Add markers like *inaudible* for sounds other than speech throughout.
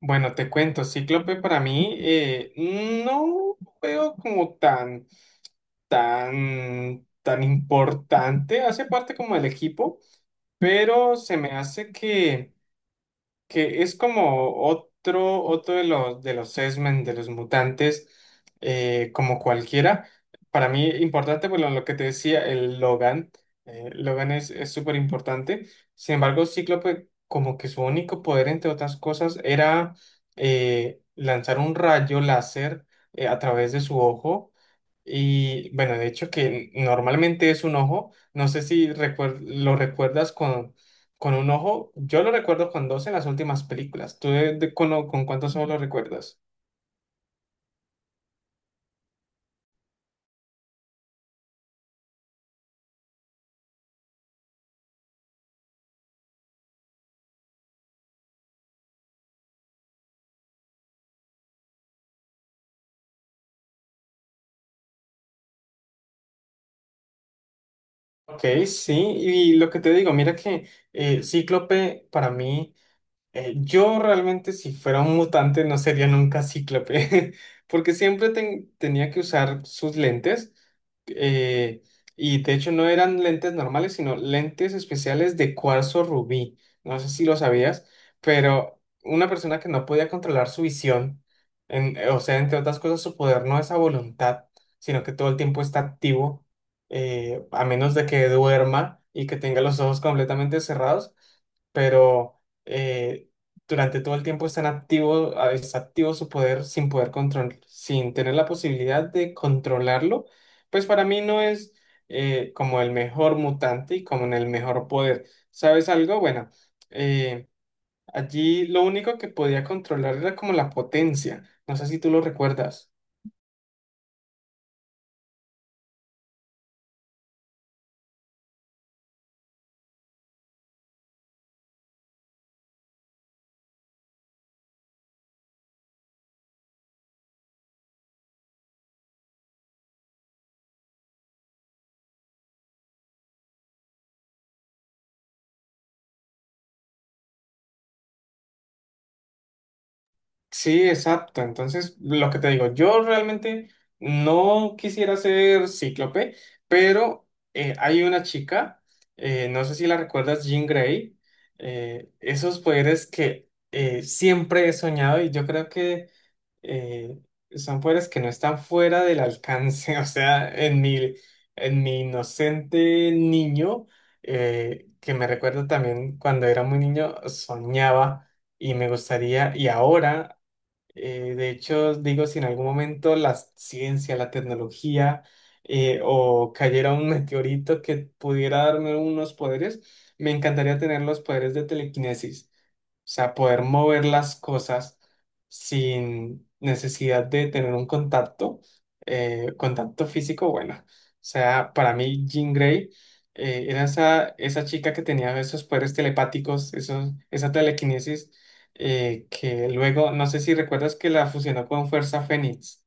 Bueno, te cuento, Cíclope para mí no veo como tan, tan importante, hace parte como del equipo, pero se me hace que es como otro, de los X-Men, de los mutantes, como cualquiera. Para mí, importante, bueno, lo que te decía, el Logan. Logan es súper importante. Sin embargo, Cíclope, como que su único poder, entre otras cosas, era lanzar un rayo láser a través de su ojo. Y bueno, de hecho que normalmente es un ojo, no sé si lo recuerdas con un ojo, yo lo recuerdo con dos en las últimas películas, ¿tú con cuántos ojos lo recuerdas? Ok, sí, y lo que te digo, mira que Cíclope para mí... yo realmente si fuera un mutante no sería nunca cíclope, *laughs* porque siempre tenía que usar sus lentes, eh, y de hecho no eran lentes normales, sino lentes especiales de cuarzo rubí. No sé si lo sabías, pero una persona que no podía controlar su visión, o sea, entre otras cosas, su poder no es a voluntad, sino que todo el tiempo está activo, a menos de que duerma y que tenga los ojos completamente cerrados, pero durante todo el tiempo está activo su poder sin poder control, sin tener la posibilidad de controlarlo, pues para mí no es como el mejor mutante y como en el mejor poder. ¿Sabes algo? Bueno, eh, allí lo único que podía controlar era como la potencia. No sé si tú lo recuerdas. Sí, exacto. Entonces, lo que te digo, yo realmente no quisiera ser cíclope, pero hay una chica, no sé si la recuerdas, Jean Grey, esos poderes que siempre he soñado y yo creo que eh, son poderes que no están fuera del alcance. *laughs* O sea, en mi inocente niño, que me recuerdo también cuando era muy niño, soñaba y me gustaría, y ahora. De hecho, digo, si en algún momento la ciencia, la tecnología o cayera un *laughs* meteorito que pudiera darme unos poderes, me encantaría tener los poderes de telequinesis. O sea, poder mover las cosas sin necesidad de tener un contacto, contacto físico, bueno. O sea, para mí Jean Grey era esa, esa chica que tenía esos poderes telepáticos, esos, esa telequinesis que luego, no sé si recuerdas que la fusionó con Fuerza Fénix.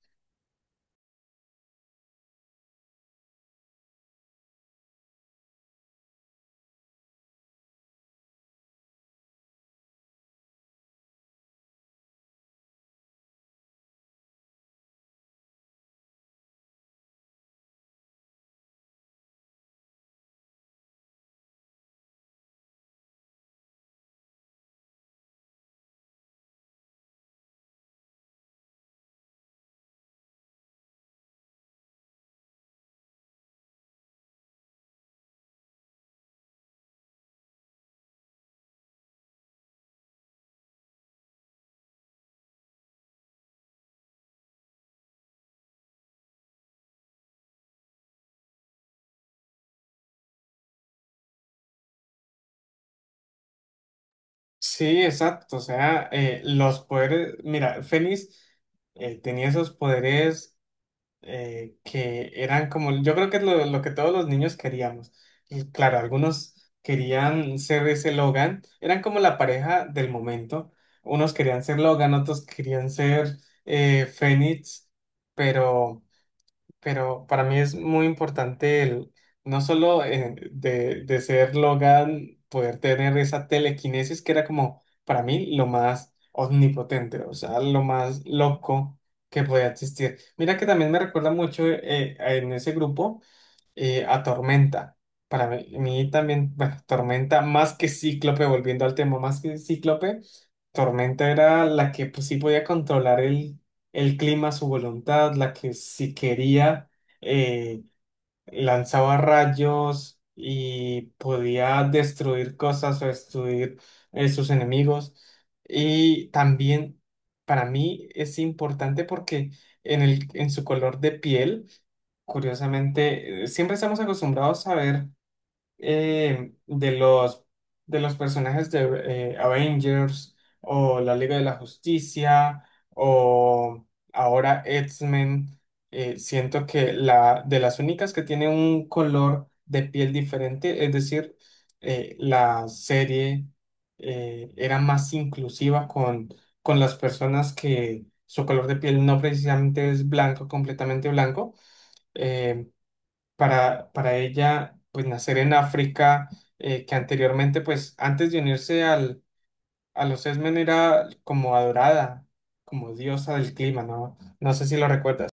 Sí, exacto, o sea, los poderes, mira, Fénix tenía esos poderes que eran como, yo creo que es lo que todos los niños queríamos. Y claro, algunos querían ser ese Logan, eran como la pareja del momento. Unos querían ser Logan, otros querían ser Fénix, pero... pero para mí es muy importante el, no solo de ser Logan, poder tener esa telequinesis que era como para mí lo más omnipotente, o sea, lo más loco que podía existir. Mira que también me recuerda mucho en ese grupo a Tormenta. Para mí, bueno, Tormenta más que Cíclope, volviendo al tema, más que Cíclope, Tormenta era la que pues, sí podía controlar el clima a su voluntad, la que si quería eh, lanzaba rayos y podía destruir cosas o destruir sus enemigos. Y también para mí es importante porque en su color de piel, curiosamente, siempre estamos acostumbrados a ver eh, de los, de los personajes de Avengers o la Liga de la Justicia o ahora X-Men, siento que de las únicas que tiene un color de piel diferente, es decir, la serie era más inclusiva con las personas que su color de piel no precisamente es blanco, completamente blanco. Em, para ella, pues nacer en África, que anteriormente, pues antes de unirse a los Esmen era como adorada, como diosa del clima, ¿no? No sé si lo recuerdas.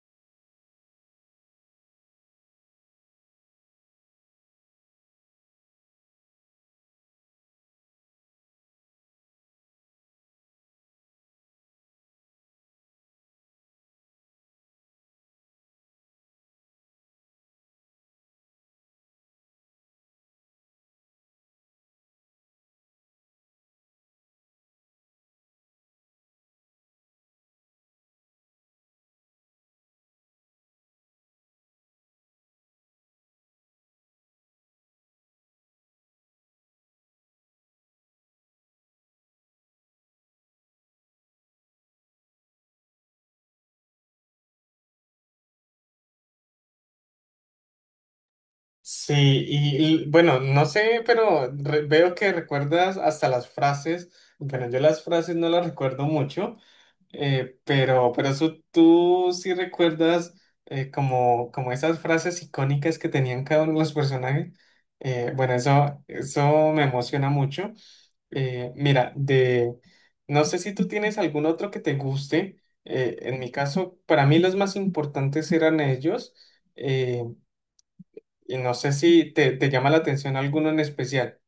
Sí, y, y, bueno, no sé, pero veo que recuerdas hasta las frases, bueno, yo las frases no las recuerdo mucho. Pero eso, tú sí recuerdas como, como esas frases icónicas que tenían cada uno de los personajes. Bueno, eso, eso me emociona mucho. Mira, de, no sé si tú tienes algún otro que te guste. En mi caso, para mí los más importantes eran ellos. Eh, y no sé si te, te llama la atención alguno en especial.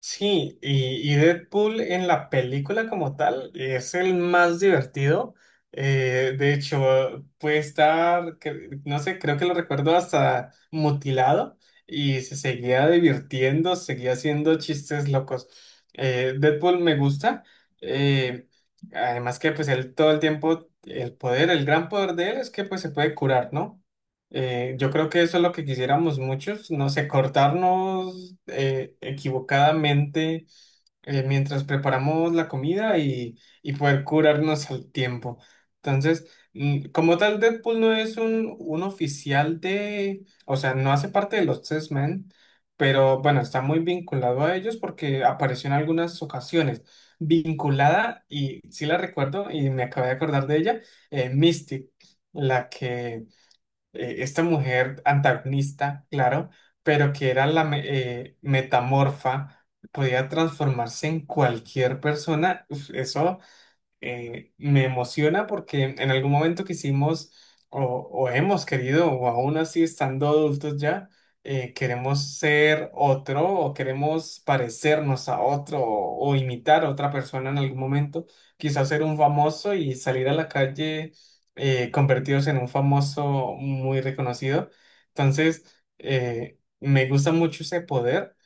Sí, y Deadpool en la película como tal es el más divertido. De hecho, puede estar, no sé, creo que lo recuerdo hasta mutilado y se seguía divirtiendo, seguía haciendo chistes locos. Deadpool me gusta. eh, además que pues él todo el tiempo, el poder, el gran poder de él es que pues se puede curar, ¿no? Yo creo que eso es lo que quisiéramos muchos, no sé, cortarnos equivocadamente mientras preparamos la comida y poder curarnos al tiempo. Entonces, como tal, Deadpool no es un oficial de, o sea, no hace parte de los Test Men, pero bueno, está muy vinculado a ellos porque apareció en algunas ocasiones. Vinculada, y sí la recuerdo y me acabé de acordar de ella, Mystic, la que esta mujer antagonista, claro, pero que era metamorfa, podía transformarse en cualquier persona, uf, eso me emociona porque en algún momento quisimos o, o hemos querido, o aún así estando adultos ya, queremos ser otro o queremos parecernos a otro o imitar a otra persona en algún momento, quizás ser un famoso y salir a la calle convertidos en un famoso muy reconocido. Entonces, me gusta mucho ese poder.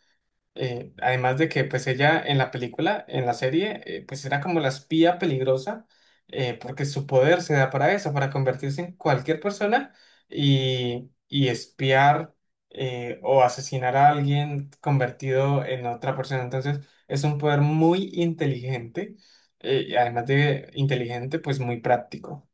Además de que pues ella en la película, en la serie, pues era como la espía peligrosa, porque su poder se da para eso, para convertirse en cualquier persona y espiar o asesinar a alguien convertido en otra persona. Entonces es un poder muy inteligente, y además de inteligente, pues muy práctico.